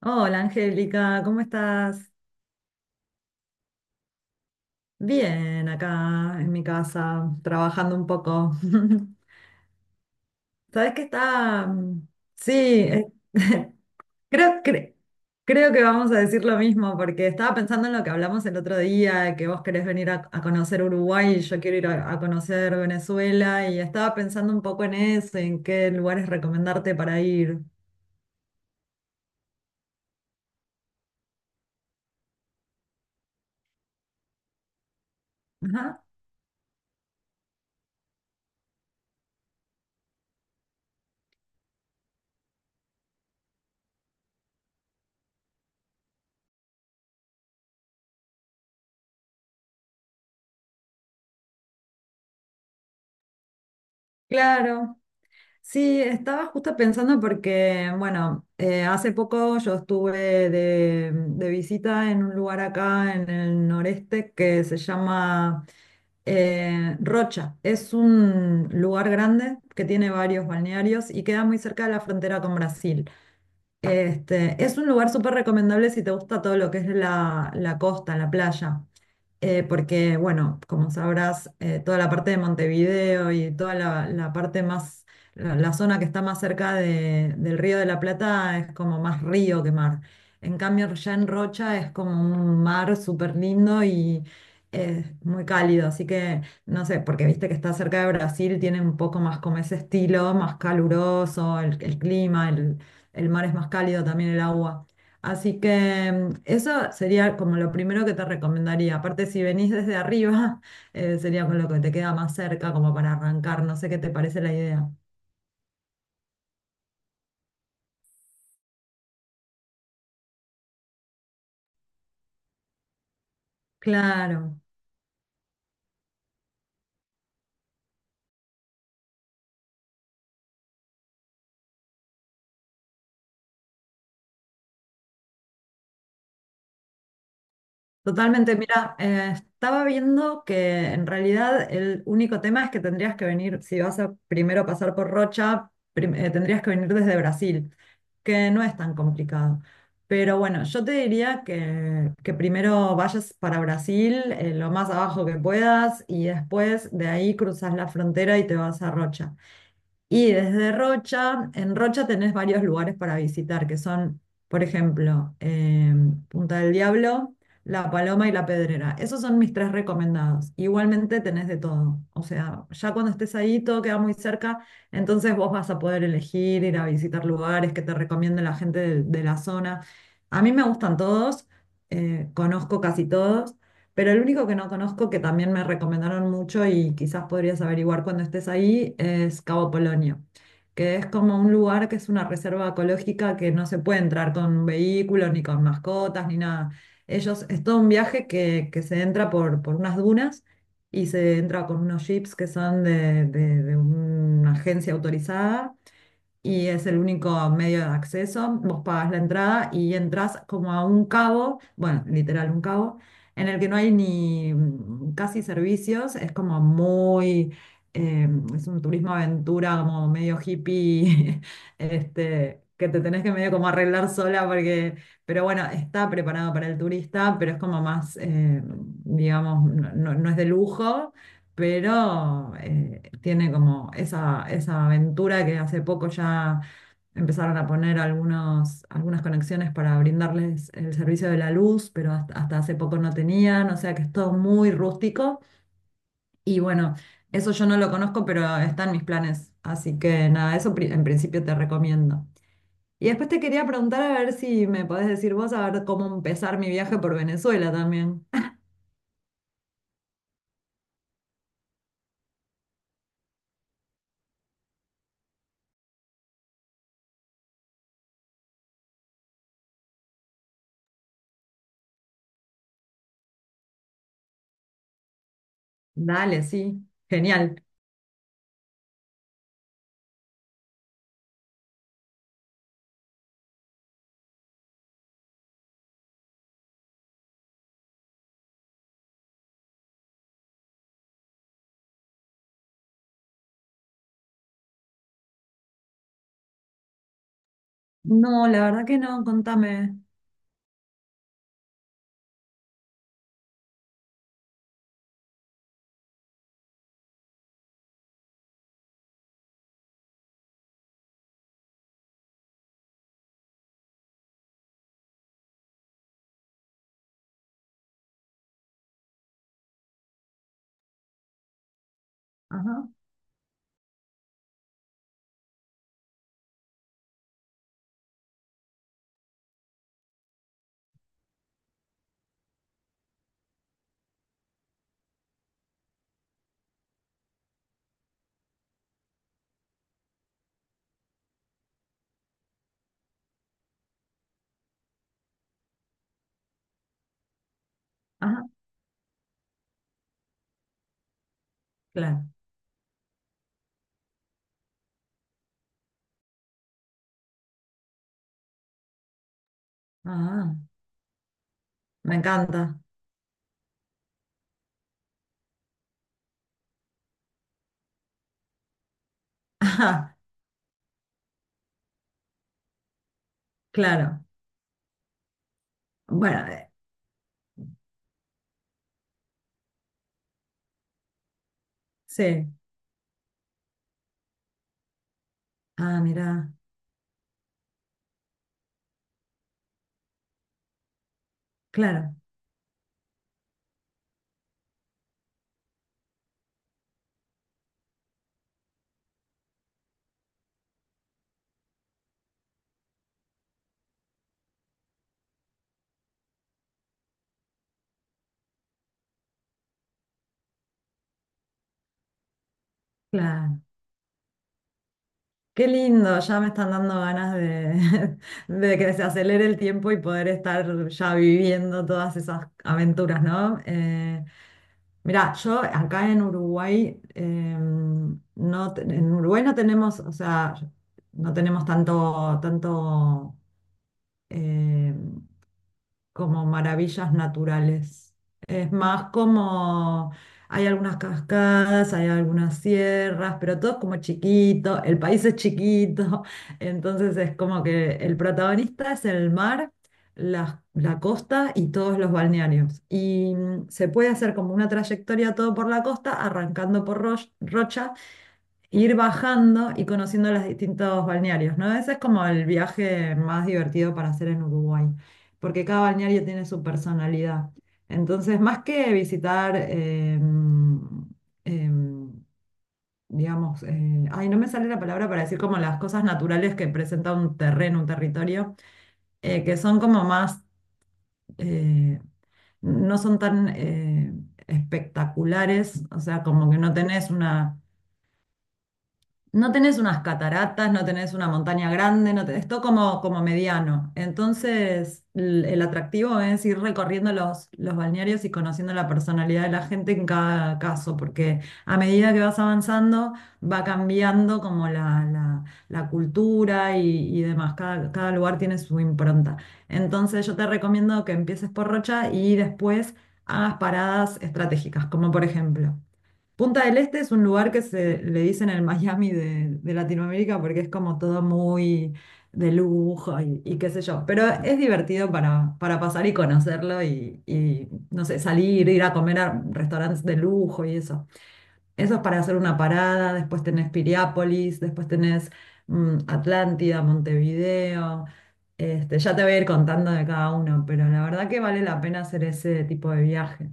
Hola Angélica, ¿cómo estás? Bien, acá en mi casa, trabajando un poco. ¿Sabes qué está? Sí, creo, cre- creo que vamos a decir lo mismo, porque estaba pensando en lo que hablamos el otro día, que vos querés venir a conocer Uruguay y yo quiero ir a conocer Venezuela, y estaba pensando un poco en eso, en qué lugares recomendarte para ir. Ajá, claro. Sí, estaba justo pensando porque, bueno, hace poco yo estuve de visita en un lugar acá en el noreste que se llama Rocha. Es un lugar grande que tiene varios balnearios y queda muy cerca de la frontera con Brasil. Este, es un lugar súper recomendable si te gusta todo lo que es la costa, la playa. Porque, bueno, como sabrás, toda la parte de Montevideo y toda la parte más, la zona que está más cerca del Río de la Plata es como más río que mar. En cambio, ya en Rocha es como un mar súper lindo y es muy cálido, así que, no sé, porque viste que está cerca de Brasil, tiene un poco más como ese estilo, más caluroso, el clima, el mar es más cálido también el agua. Así que eso sería como lo primero que te recomendaría. Aparte, si venís desde arriba, sería con lo que te queda más cerca, como para arrancar. No sé qué te parece la idea. Claro. Totalmente, mira, estaba viendo que en realidad el único tema es que tendrías que venir, si vas a primero pasar por Rocha, tendrías que venir desde Brasil, que no es tan complicado. Pero bueno, yo te diría que primero vayas para Brasil, lo más abajo que puedas, y después de ahí cruzas la frontera y te vas a Rocha. Y desde Rocha, en Rocha tenés varios lugares para visitar, que son, por ejemplo, Punta del Diablo, La Paloma y La Pedrera. Esos son mis tres recomendados. Igualmente tenés de todo. O sea, ya cuando estés ahí, todo queda muy cerca, entonces vos vas a poder elegir, ir a visitar lugares que te recomiende la gente de la zona. A mí me gustan todos, conozco casi todos. Pero el único que no conozco, que también me recomendaron mucho y quizás podrías averiguar cuando estés ahí, es Cabo Polonio, que es como un lugar que es una reserva ecológica que no se puede entrar con un vehículo ni con mascotas, ni nada. Ellos, es todo un viaje que se entra por unas dunas y se entra con unos jeeps que son de una agencia autorizada y es el único medio de acceso. Vos pagas la entrada y entras como a un cabo, bueno, literal un cabo, en el que no hay ni casi servicios, es como muy, eh, es un turismo aventura como medio hippie, este, que te tenés que medio como arreglar sola porque, pero bueno, está preparado para el turista, pero es como más, digamos, no es de lujo, pero tiene como esa aventura, que hace poco ya empezaron a poner algunas conexiones para brindarles el servicio de la luz, pero hasta, hasta hace poco no tenían, o sea que es todo muy rústico y bueno, eso yo no lo conozco, pero está en mis planes, así que nada, en principio te recomiendo. Y después te quería preguntar a ver si me podés decir vos a ver cómo empezar mi viaje por Venezuela también. Dale, sí, genial. No, la verdad que no, contame. Ajá, ajá, claro. Ah, me encanta. Ajá, claro. Bueno, sí. Ah, mira, claro, claro. Qué lindo, ya me están dando ganas de, de que se acelere el tiempo y poder estar ya viviendo todas esas aventuras, ¿no? Mirá, yo acá en Uruguay, no, en Uruguay no tenemos, o sea, no tenemos tanto, tanto em, como maravillas naturales. Es más como hay algunas cascadas, hay algunas sierras, pero todo es como chiquito, el país es chiquito, entonces es como que el protagonista es el mar, la costa y todos los balnearios. Y se puede hacer como una trayectoria todo por la costa, arrancando por Rocha, ir bajando y conociendo los distintos balnearios, ¿no? Ese es como el viaje más divertido para hacer en Uruguay, porque cada balneario tiene su personalidad. Entonces, más que visitar, em, digamos, ay, no me sale la palabra para decir como las cosas naturales que presenta un terreno, un territorio, que son como más, eh, no son tan espectaculares, o sea, como que no tenés una, no tenés unas cataratas, no tenés una montaña grande, no tenés todo como, como mediano. Entonces, el atractivo es ir recorriendo los balnearios y conociendo la personalidad de la gente en cada caso, porque a medida que vas avanzando, va cambiando como la cultura y demás. Cada, cada lugar tiene su impronta. Entonces, yo te recomiendo que empieces por Rocha y después hagas paradas estratégicas, como por ejemplo. Punta del Este es un lugar que se le dicen el Miami de Latinoamérica porque es como todo muy de lujo y qué sé yo. Pero es divertido para pasar y conocerlo y, no sé, salir, ir a comer a restaurantes de lujo y eso. Eso es para hacer una parada. Después tenés Piriápolis, después tenés Atlántida, Montevideo. Este, ya te voy a ir contando de cada uno, pero la verdad que vale la pena hacer ese tipo de viaje.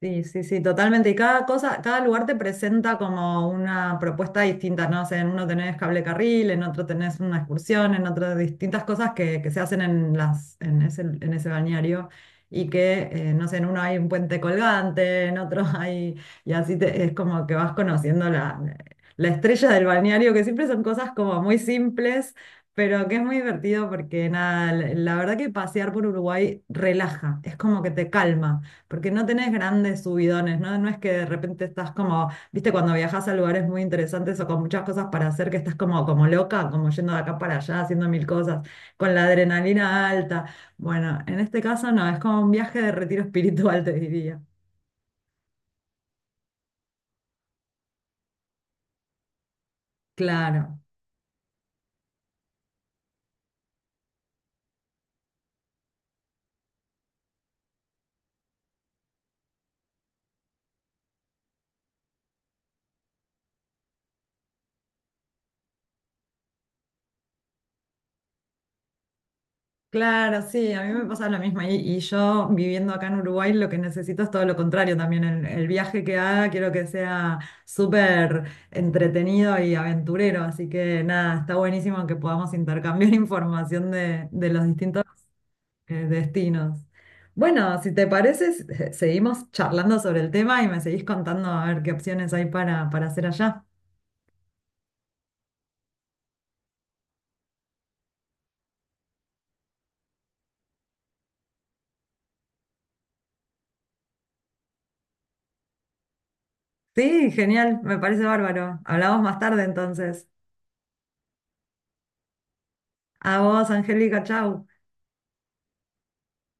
Sí, sí, sí, totalmente. Y cada cosa, cada lugar te presenta como una propuesta distinta, ¿no? O sea, en uno tenés cable carril, en otro tenés una excursión, en otro distintas cosas que se hacen en las, en ese balneario y que, no sé, en uno hay un puente colgante, en otro hay, y así es como que vas conociendo la estrella del balneario, que siempre son cosas como muy simples, pero que es muy divertido porque nada, la verdad que pasear por Uruguay relaja, es como que te calma. Porque no tenés grandes subidones, ¿no? No es que de repente estás como, viste, cuando viajas a lugares muy interesantes o con muchas cosas para hacer, que estás como, como loca, como yendo de acá para allá, haciendo mil cosas, con la adrenalina alta. Bueno, en este caso no, es como un viaje de retiro espiritual, te diría. Claro. Claro, sí, a mí me pasa lo mismo. Y yo viviendo acá en Uruguay lo que necesito es todo lo contrario también. El viaje que haga quiero que sea súper entretenido y aventurero. Así que nada, está buenísimo que podamos intercambiar información de los distintos destinos. Bueno, si te parece, seguimos charlando sobre el tema y me seguís contando a ver qué opciones hay para hacer allá. Sí, genial, me parece bárbaro. Hablamos más tarde entonces. A vos, Angélica, chau.